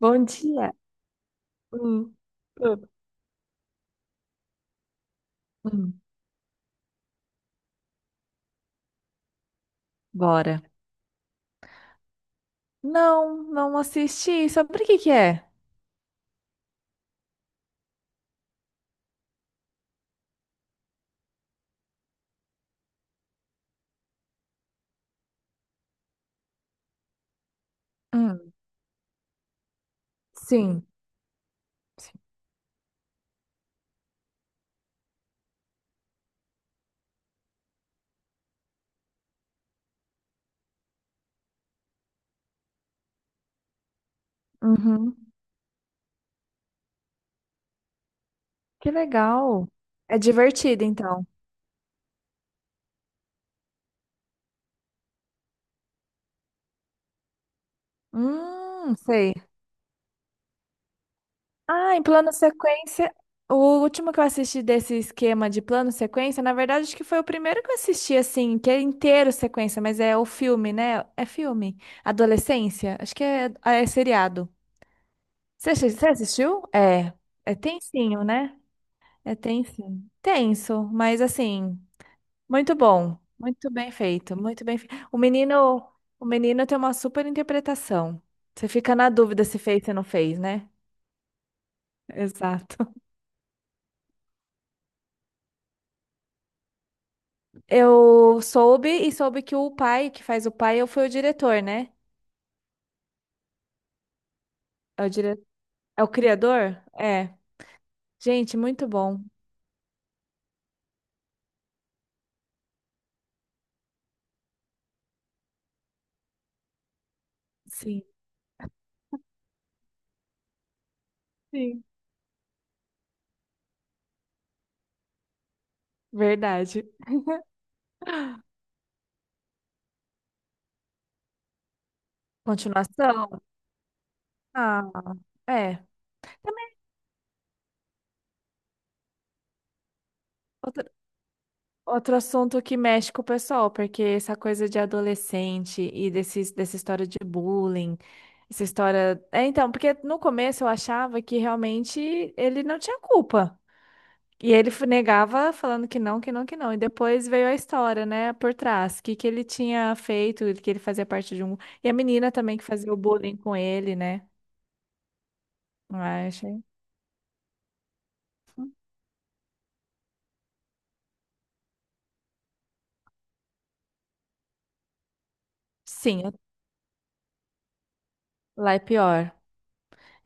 Bom dia. Hum, hum, hum, bora. Não, não assisti. Sobre o que que é? Hum, sim. Sim. Uhum. Que legal. É divertido, então. Sei. Ah, em plano sequência. O último que eu assisti desse esquema de plano sequência, na verdade, acho que foi o primeiro que eu assisti, assim, que é inteiro sequência, mas é o filme, né? É filme. Adolescência. Acho que é, é seriado. Você assistiu? É. É tensinho, né? É tenso. Tenso, mas assim, muito bom. Muito bem feito, muito bem feito. O menino tem uma super interpretação. Você fica na dúvida se fez, se não fez, né? Exato. Eu soube e soube que o pai, que faz o pai, eu fui o diretor, né? É o dire... é o criador? É. Gente, muito bom. Sim. Sim. Verdade. Continuação? Ah, é. Também. Outro assunto que mexe com o pessoal, porque essa coisa de adolescente e dessa história de bullying, essa história. É, então, porque no começo eu achava que realmente ele não tinha culpa. E ele negava falando que não, que não, que não. E depois veio a história, né, por trás, que ele tinha feito, que ele fazia parte de um. E a menina também que fazia o bullying com ele, né? Ah, eu achei. Sim, lá é pior.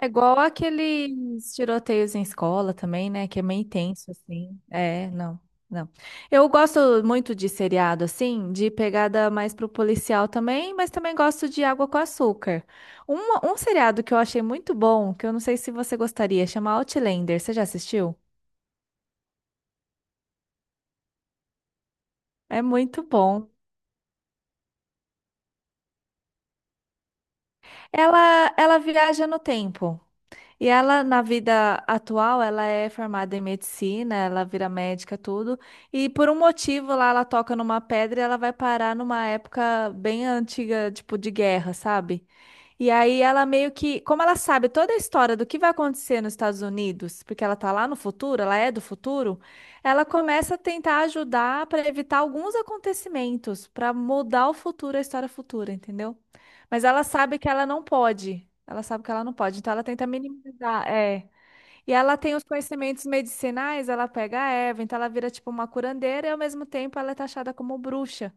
É igual aqueles tiroteios em escola também, né? Que é meio intenso, assim. É, não, não. Eu gosto muito de seriado, assim, de pegada mais pro policial também, mas também gosto de Água com Açúcar. Um seriado que eu achei muito bom, que eu não sei se você gostaria, chama Outlander. Você já assistiu? É muito bom. Ela viaja no tempo. E ela, na vida atual, ela é formada em medicina, ela vira médica, tudo. E por um motivo lá, ela toca numa pedra e ela vai parar numa época bem antiga, tipo, de guerra, sabe? E aí ela meio que, como ela sabe toda a história do que vai acontecer nos Estados Unidos, porque ela tá lá no futuro, ela é do futuro, ela começa a tentar ajudar para evitar alguns acontecimentos, para mudar o futuro, a história futura, entendeu? Mas ela sabe que ela não pode. Ela sabe que ela não pode, então ela tenta minimizar, é. E ela tem os conhecimentos medicinais, ela pega a erva, então ela vira tipo uma curandeira e ao mesmo tempo ela é taxada como bruxa.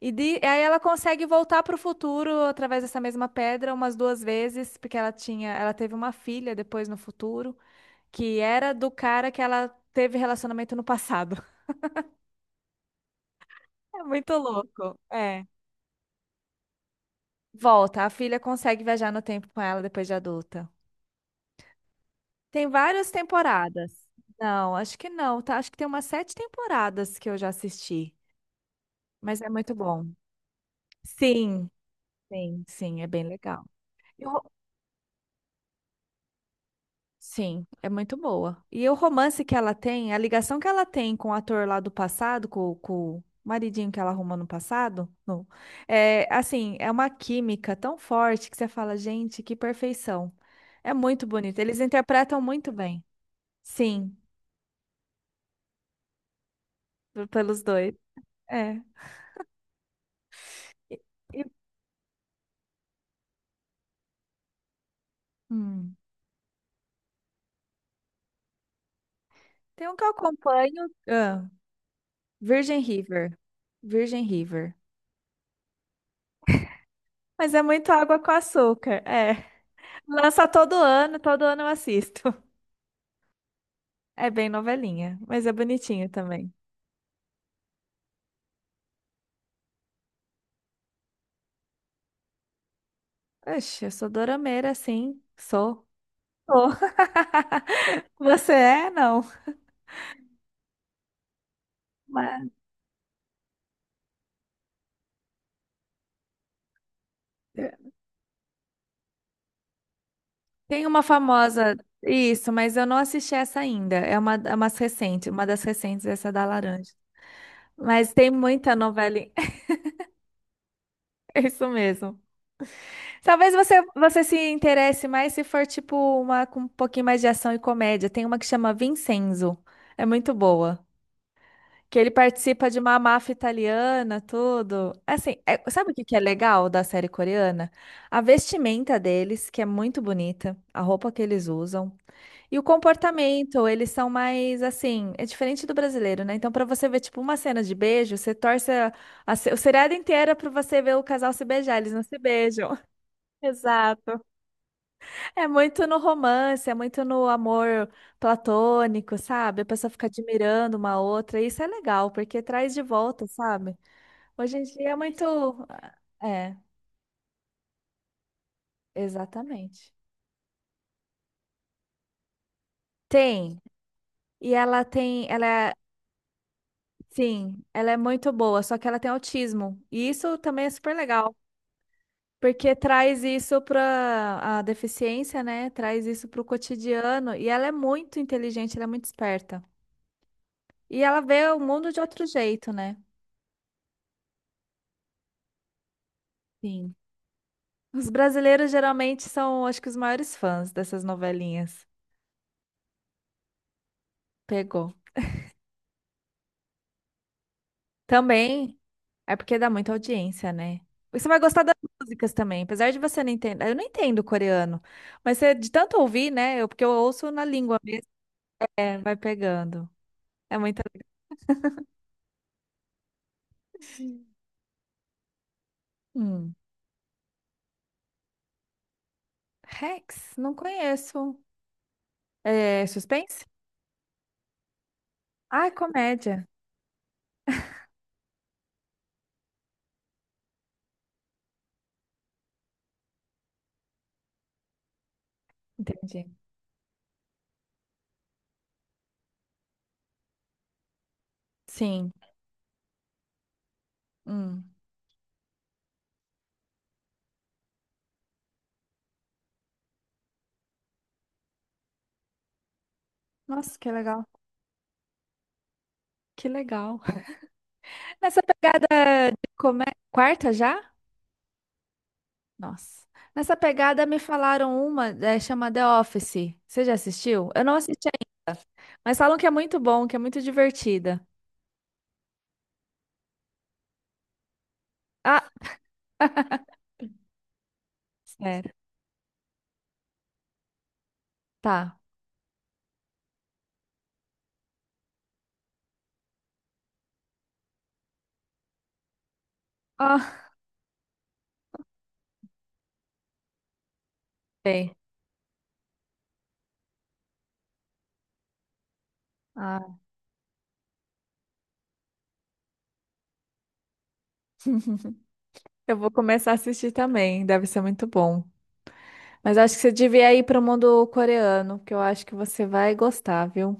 E aí ela consegue voltar para o futuro através dessa mesma pedra umas duas vezes, porque ela tinha, ela teve uma filha depois no futuro, que era do cara que ela teve relacionamento no passado. É muito louco. É. Volta, a filha consegue viajar no tempo com ela depois de adulta. Tem várias temporadas. Não, acho que não, tá? Acho que tem umas sete temporadas que eu já assisti, mas é muito bom. Sim, sim, sim, é bem legal. E o ro- sim, é muito boa. E o romance que ela tem, a ligação que ela tem com o ator lá do passado, com o maridinho que ela arrumou no passado, no, é assim, é uma química tão forte que você fala, gente, que perfeição. É muito bonito. Eles interpretam muito bem. Sim, pelos dois. É. E- e- hum. Tem um que eu acompanho, ah, Virgin River. Virgin River. Mas é muito água com açúcar. É. Lança todo ano eu assisto. É bem novelinha, mas é bonitinho também. Oxe, eu sou dorameira, sim. Sou. Sou. Você é? Não. Mas- é, Tem uma famosa, isso, mas eu não assisti essa ainda. É umas recente, uma das recentes, essa da laranja. Mas tem muita novela. É isso mesmo. Talvez você se interesse mais se for tipo uma com um pouquinho mais de ação e comédia. Tem uma que chama Vincenzo. É muito boa. Que ele participa de uma máfia italiana, tudo. Assim, sabe o que que é legal da série coreana? A vestimenta deles, que é muito bonita, a roupa que eles usam, e o comportamento, eles são mais assim, é diferente do brasileiro, né? Então, pra você ver tipo uma cena de beijo, você torce a, se- o seriado inteiro é pra você ver o casal se beijar, eles não se beijam. Exato. É muito no romance, é muito no amor platônico, sabe? A pessoa fica admirando uma outra, e isso é legal, porque traz de volta, sabe? Hoje em dia é muito. É, exatamente. Tem. E ela tem. Ela é. Sim, ela é muito boa, só que ela tem autismo. E isso também é super legal, porque traz isso para a deficiência, né? Traz isso para o cotidiano. E ela é muito inteligente, ela é muito esperta. E ela vê o mundo de outro jeito, né? Sim. Os brasileiros geralmente são, acho que, os maiores fãs dessas novelinhas. Pegou. Também é porque dá muita audiência, né? E você vai gostar das músicas também, apesar de você não entender. Eu não entendo coreano, mas você, de tanto ouvir, né? Porque eu ouço na língua mesmo, é, vai pegando. É muita. Hum. Rex, não conheço. É suspense? Ah, é comédia. Entendi. Sim. Hum. Nossa, que legal. Que legal. Nessa pegada de comédia, quarta já? Nossa. Nessa pegada me falaram uma, chama The Office. Você já assistiu? Eu não assisti ainda, mas falam que é muito bom, que é muito divertida. Ah, sério. Tá. Ah, bem. Ah, eu vou começar a assistir também, deve ser muito bom. Mas acho que você devia ir para o mundo coreano, que eu acho que você vai gostar, viu?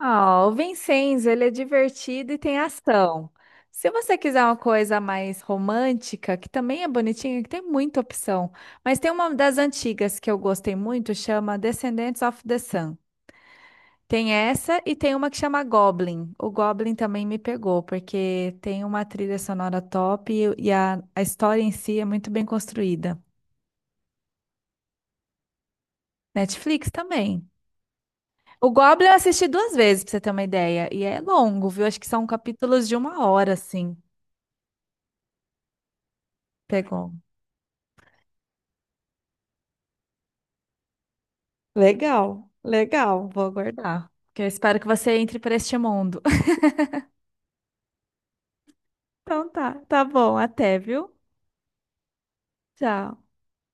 Ah, o Vincenzo, ele é divertido e tem ação. Se você quiser uma coisa mais romântica, que também é bonitinha, que tem muita opção, mas tem uma das antigas que eu gostei muito, chama Descendants of the Sun. Tem essa e tem uma que chama Goblin. O Goblin também me pegou, porque tem uma trilha sonora top e a história em si é muito bem construída. Netflix também. O Goblin eu assisti duas vezes, pra você ter uma ideia, e é longo, viu? Acho que são capítulos de uma hora, assim. Pegou. Legal, legal. Vou aguardar. Porque eu espero que você entre para este mundo. Então tá, tá bom. Até, viu? Tchau.